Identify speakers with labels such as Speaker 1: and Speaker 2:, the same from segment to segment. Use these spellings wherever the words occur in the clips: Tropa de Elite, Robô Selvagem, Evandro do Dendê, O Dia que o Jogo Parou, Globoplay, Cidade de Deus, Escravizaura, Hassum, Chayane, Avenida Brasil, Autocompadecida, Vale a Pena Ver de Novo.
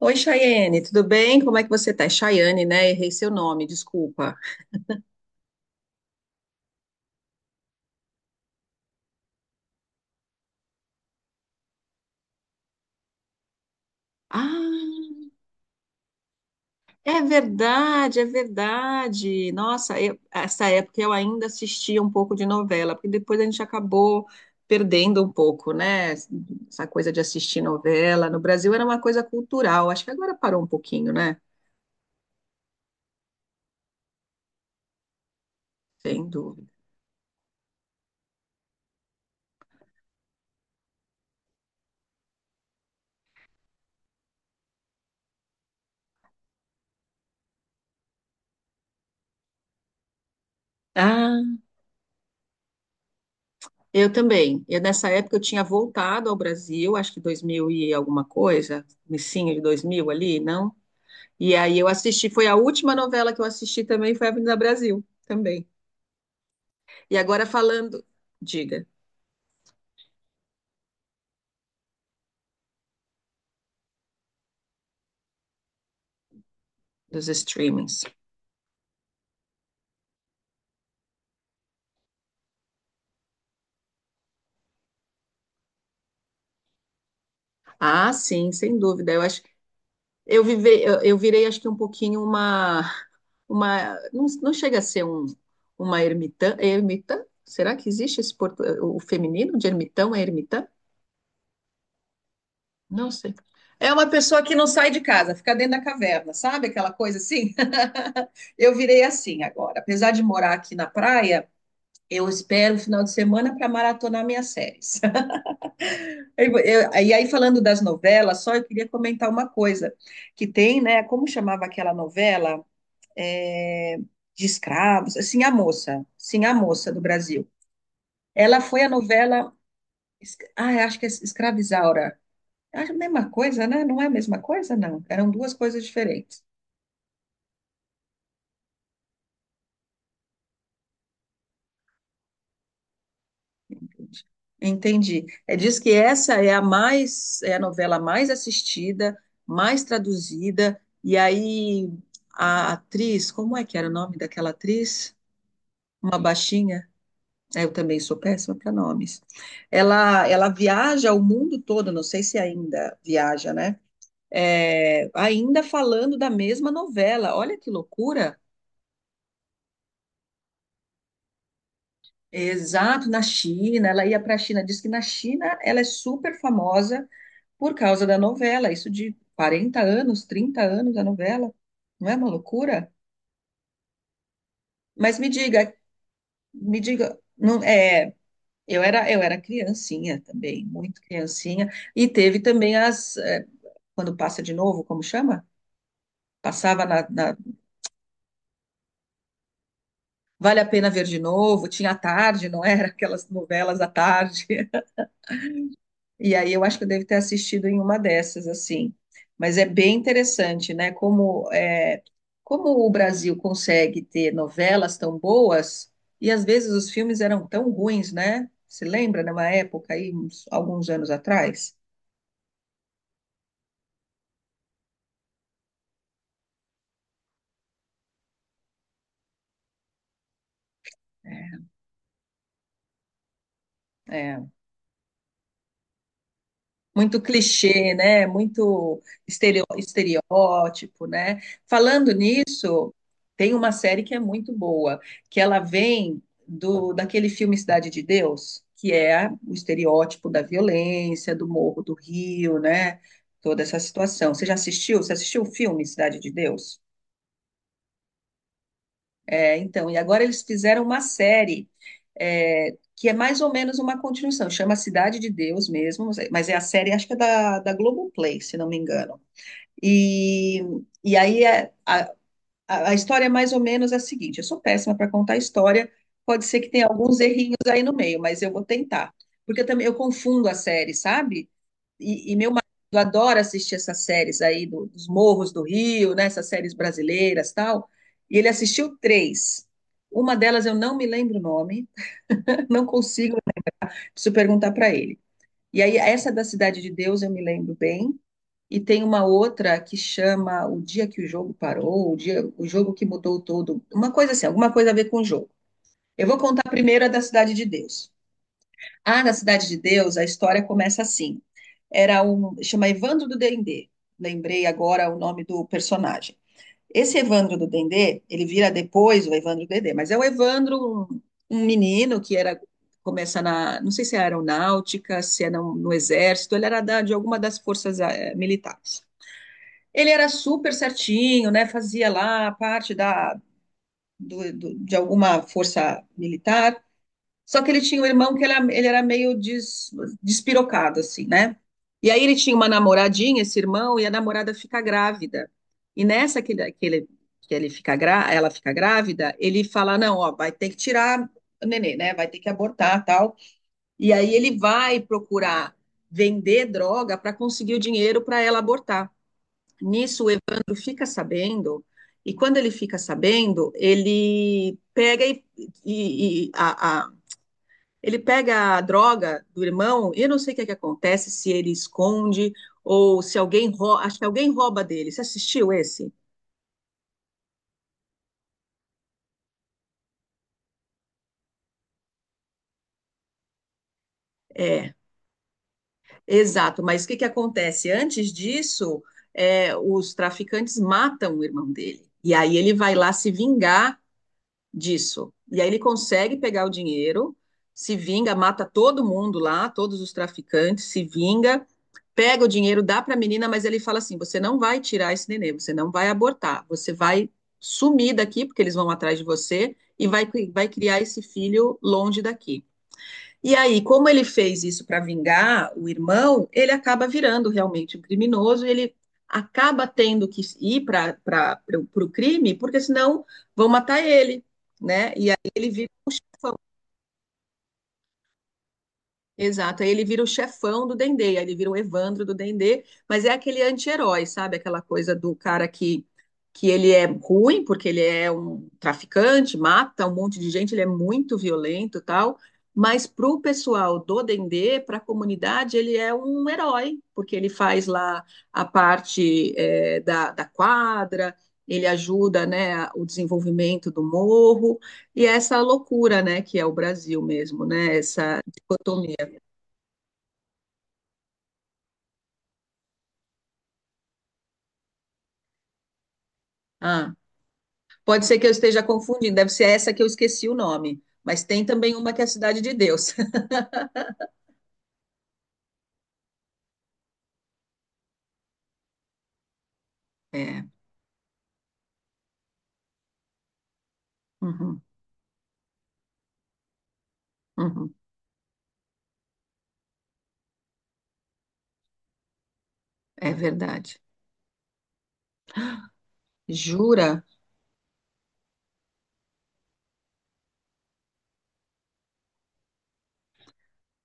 Speaker 1: Oi, Chayane, tudo bem? Como é que você tá? É Chayane, né? Errei seu nome, desculpa. Ah, é verdade, é verdade. Nossa, essa época eu ainda assistia um pouco de novela, porque depois a gente acabou perdendo um pouco, né? Essa coisa de assistir novela. No Brasil era uma coisa cultural, acho que agora parou um pouquinho, né? Sem dúvida. Ah, eu também. Eu, nessa época eu tinha voltado ao Brasil, acho que 2000 e alguma coisa, comecinho de 2000 ali, não? E aí eu assisti, foi a última novela que eu assisti também, foi Avenida Brasil, também. E agora falando, diga, dos streamings. Ah, sim, sem dúvida. Eu acho, eu virei acho que um pouquinho uma não, não chega a ser um uma ermitã, é ermitã? Será que existe o feminino de ermitão é ermitã? Não sei. É uma pessoa que não sai de casa, fica dentro da caverna, sabe? Aquela coisa assim. Eu virei assim agora. Apesar de morar aqui na praia, eu espero o final de semana para maratonar minhas séries. E aí, falando das novelas, só eu queria comentar uma coisa que tem, né? Como chamava aquela novela? É, de escravos, Sim, a Moça do Brasil. Ela foi a novela. Ah, eu acho que é Escravizaura. Acho a mesma coisa, né? Não é a mesma coisa, não. Eram duas coisas diferentes. Entendi. Entendi. É, diz que essa é a mais, é a novela mais assistida, mais traduzida, e aí a atriz, como é que era o nome daquela atriz? Uma baixinha, é, eu também sou péssima para nomes. Ela viaja o mundo todo, não sei se ainda viaja, né? É, ainda falando da mesma novela. Olha que loucura! Exato, na China, ela ia para a China, diz que na China ela é super famosa por causa da novela, isso de 40 anos, 30 anos da novela, não é uma loucura? Mas me diga, não é, eu era criancinha também, muito criancinha, e teve também as é, quando passa de novo, como chama? Passava na, Vale a Pena Ver de Novo, tinha à tarde, não era? Aquelas novelas à tarde. E aí eu acho que eu devo ter assistido em uma dessas, assim. Mas é bem interessante, né? Como, é, como o Brasil consegue ter novelas tão boas e às vezes os filmes eram tão ruins, né? Se lembra numa época aí, alguns anos atrás? É. É. Muito clichê, né? Muito estereótipo, né? Falando nisso, tem uma série que é muito boa, que ela vem do daquele filme Cidade de Deus, que é o estereótipo da violência, do Morro do Rio, né? Toda essa situação. Você já assistiu? Você assistiu o filme Cidade de Deus? É, então, e agora eles fizeram uma série é, que é mais ou menos uma continuação, chama Cidade de Deus mesmo, mas é a série, acho que é da Globoplay, se não me engano. E, e aí é- a, a história é mais ou menos a seguinte: eu sou péssima para contar a história, pode ser que tenha alguns errinhos aí no meio, mas eu vou tentar. Porque eu também eu confundo a série, sabe? E meu marido adora assistir essas séries dos Morros do Rio, né? Essas séries brasileiras, tal. E ele assistiu três. Uma delas eu não me lembro o nome, não consigo, preciso perguntar para ele. E aí essa da Cidade de Deus eu me lembro bem. E tem uma outra que chama O Dia que o Jogo Parou, o dia, o jogo que mudou todo, uma coisa assim, alguma coisa a ver com o jogo. Eu vou contar primeiro a da Cidade de Deus. Ah, na Cidade de Deus, a história começa assim. Era um, chama Evandro do Dendê. Lembrei agora o nome do personagem. Esse Evandro do Dendê, ele vira depois o Evandro do Dendê, mas é o Evandro, um menino que era começa não sei se é aeronáutica, se é no exército, ele era de alguma das forças eh, militares. Ele era super certinho, né? Fazia lá parte da de alguma força militar, só que ele tinha um irmão que ele era meio despirocado, assim, né? E aí ele tinha uma namoradinha, esse irmão, e a namorada fica grávida. E nessa que ele, que ele fica grá, ela fica grávida, ele fala, não, ó, vai ter que tirar o nenê, né? Vai ter que abortar, tal. E aí ele vai procurar vender droga para conseguir o dinheiro para ela abortar. Nisso o Evandro fica sabendo, e quando ele fica sabendo, e- e a, ele pega a droga do irmão e eu não sei o que é que acontece, se ele esconde ou se alguém rouba, acho que alguém rouba dele. Você assistiu esse? É, exato. Mas o que que acontece? Antes disso, é, os traficantes matam o irmão dele. E aí ele vai lá se vingar disso. E aí ele consegue pegar o dinheiro, se vinga, mata todo mundo lá, todos os traficantes, se vinga, pega o dinheiro, dá para a menina, mas ele fala assim: você não vai tirar esse neném, você não vai abortar, você vai sumir daqui, porque eles vão atrás de você, e vai, vai criar esse filho longe daqui. E aí, como ele fez isso para vingar o irmão, ele acaba virando realmente um criminoso e ele acaba tendo que ir para o crime, porque senão vão matar ele, né? E aí ele vira exato, aí ele vira o chefão do Dendê, aí ele vira o Evandro do Dendê, mas é aquele anti-herói, sabe? Aquela coisa do cara que ele é ruim, porque ele é um traficante, mata um monte de gente, ele é muito violento e tal, mas pro pessoal do Dendê, pra comunidade, ele é um herói, porque ele faz lá a parte eh, da quadra, ele ajuda, né, o desenvolvimento do morro, e é essa loucura, né, que é o Brasil mesmo, né, essa dicotomia. Ah, pode ser que eu esteja confundindo, deve ser essa que eu esqueci o nome, mas tem também uma que é a Cidade de Deus. É, uhum, uhum, é verdade. Jura?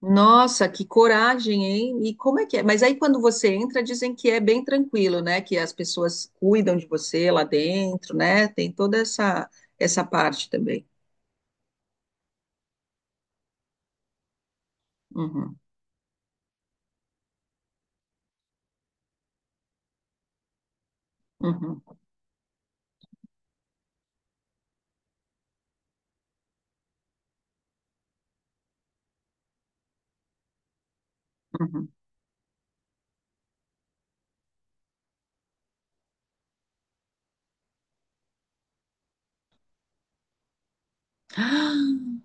Speaker 1: Nossa, que coragem, hein? E como é que é? Mas aí quando você entra, dizem que é bem tranquilo, né? Que as pessoas cuidam de você lá dentro, né? Tem toda essa parte também. Uhum, uhum, uhum.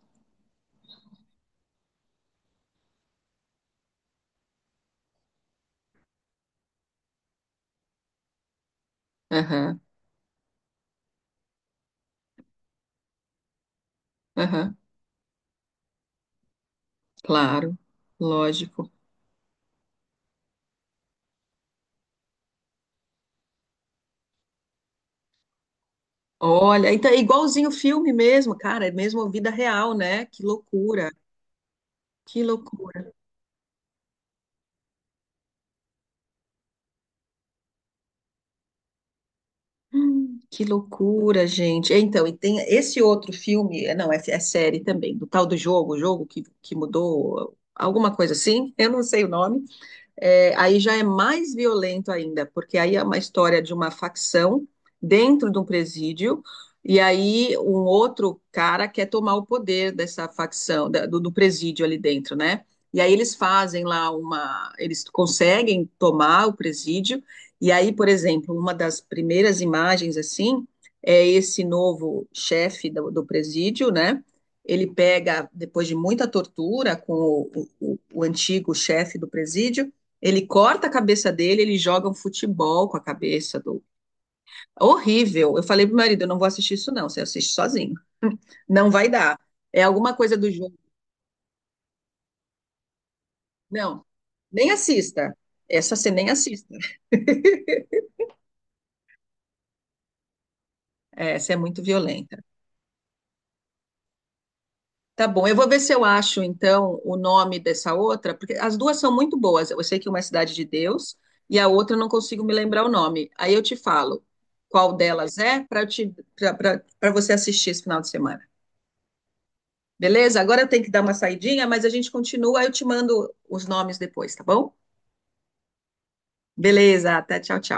Speaker 1: Aham, aham, claro, lógico. Olha, então é igualzinho o filme mesmo, cara, é mesmo a vida real, né? Que loucura, que loucura. Que loucura, gente. Então, e tem esse outro filme, é, não, é, é série também, do tal do jogo, o jogo que mudou, alguma coisa assim, eu não sei o nome, é, aí já é mais violento ainda, porque aí é uma história de uma facção dentro de um presídio, e aí um outro cara quer tomar o poder dessa facção, do presídio ali dentro, né? E aí eles fazem lá uma. Eles conseguem tomar o presídio, e aí, por exemplo, uma das primeiras imagens assim é esse novo chefe do presídio, né? Ele pega, depois de muita tortura com o antigo chefe do presídio, ele corta a cabeça dele, ele joga um futebol com a cabeça do. Horrível. Eu falei pro meu marido, eu não vou assistir isso não, você assiste sozinho. Não vai dar. É alguma coisa do jogo. Não, nem assista. Essa você nem assista. Essa é muito violenta. Tá bom, eu vou ver se eu acho então o nome dessa outra, porque as duas são muito boas. Eu sei que uma é Cidade de Deus e a outra eu não consigo me lembrar o nome. Aí eu te falo qual delas é para você assistir esse final de semana. Beleza? Agora eu tenho que dar uma saidinha, mas a gente continua, eu te mando os nomes depois, tá bom? Beleza, até tchau, tchau.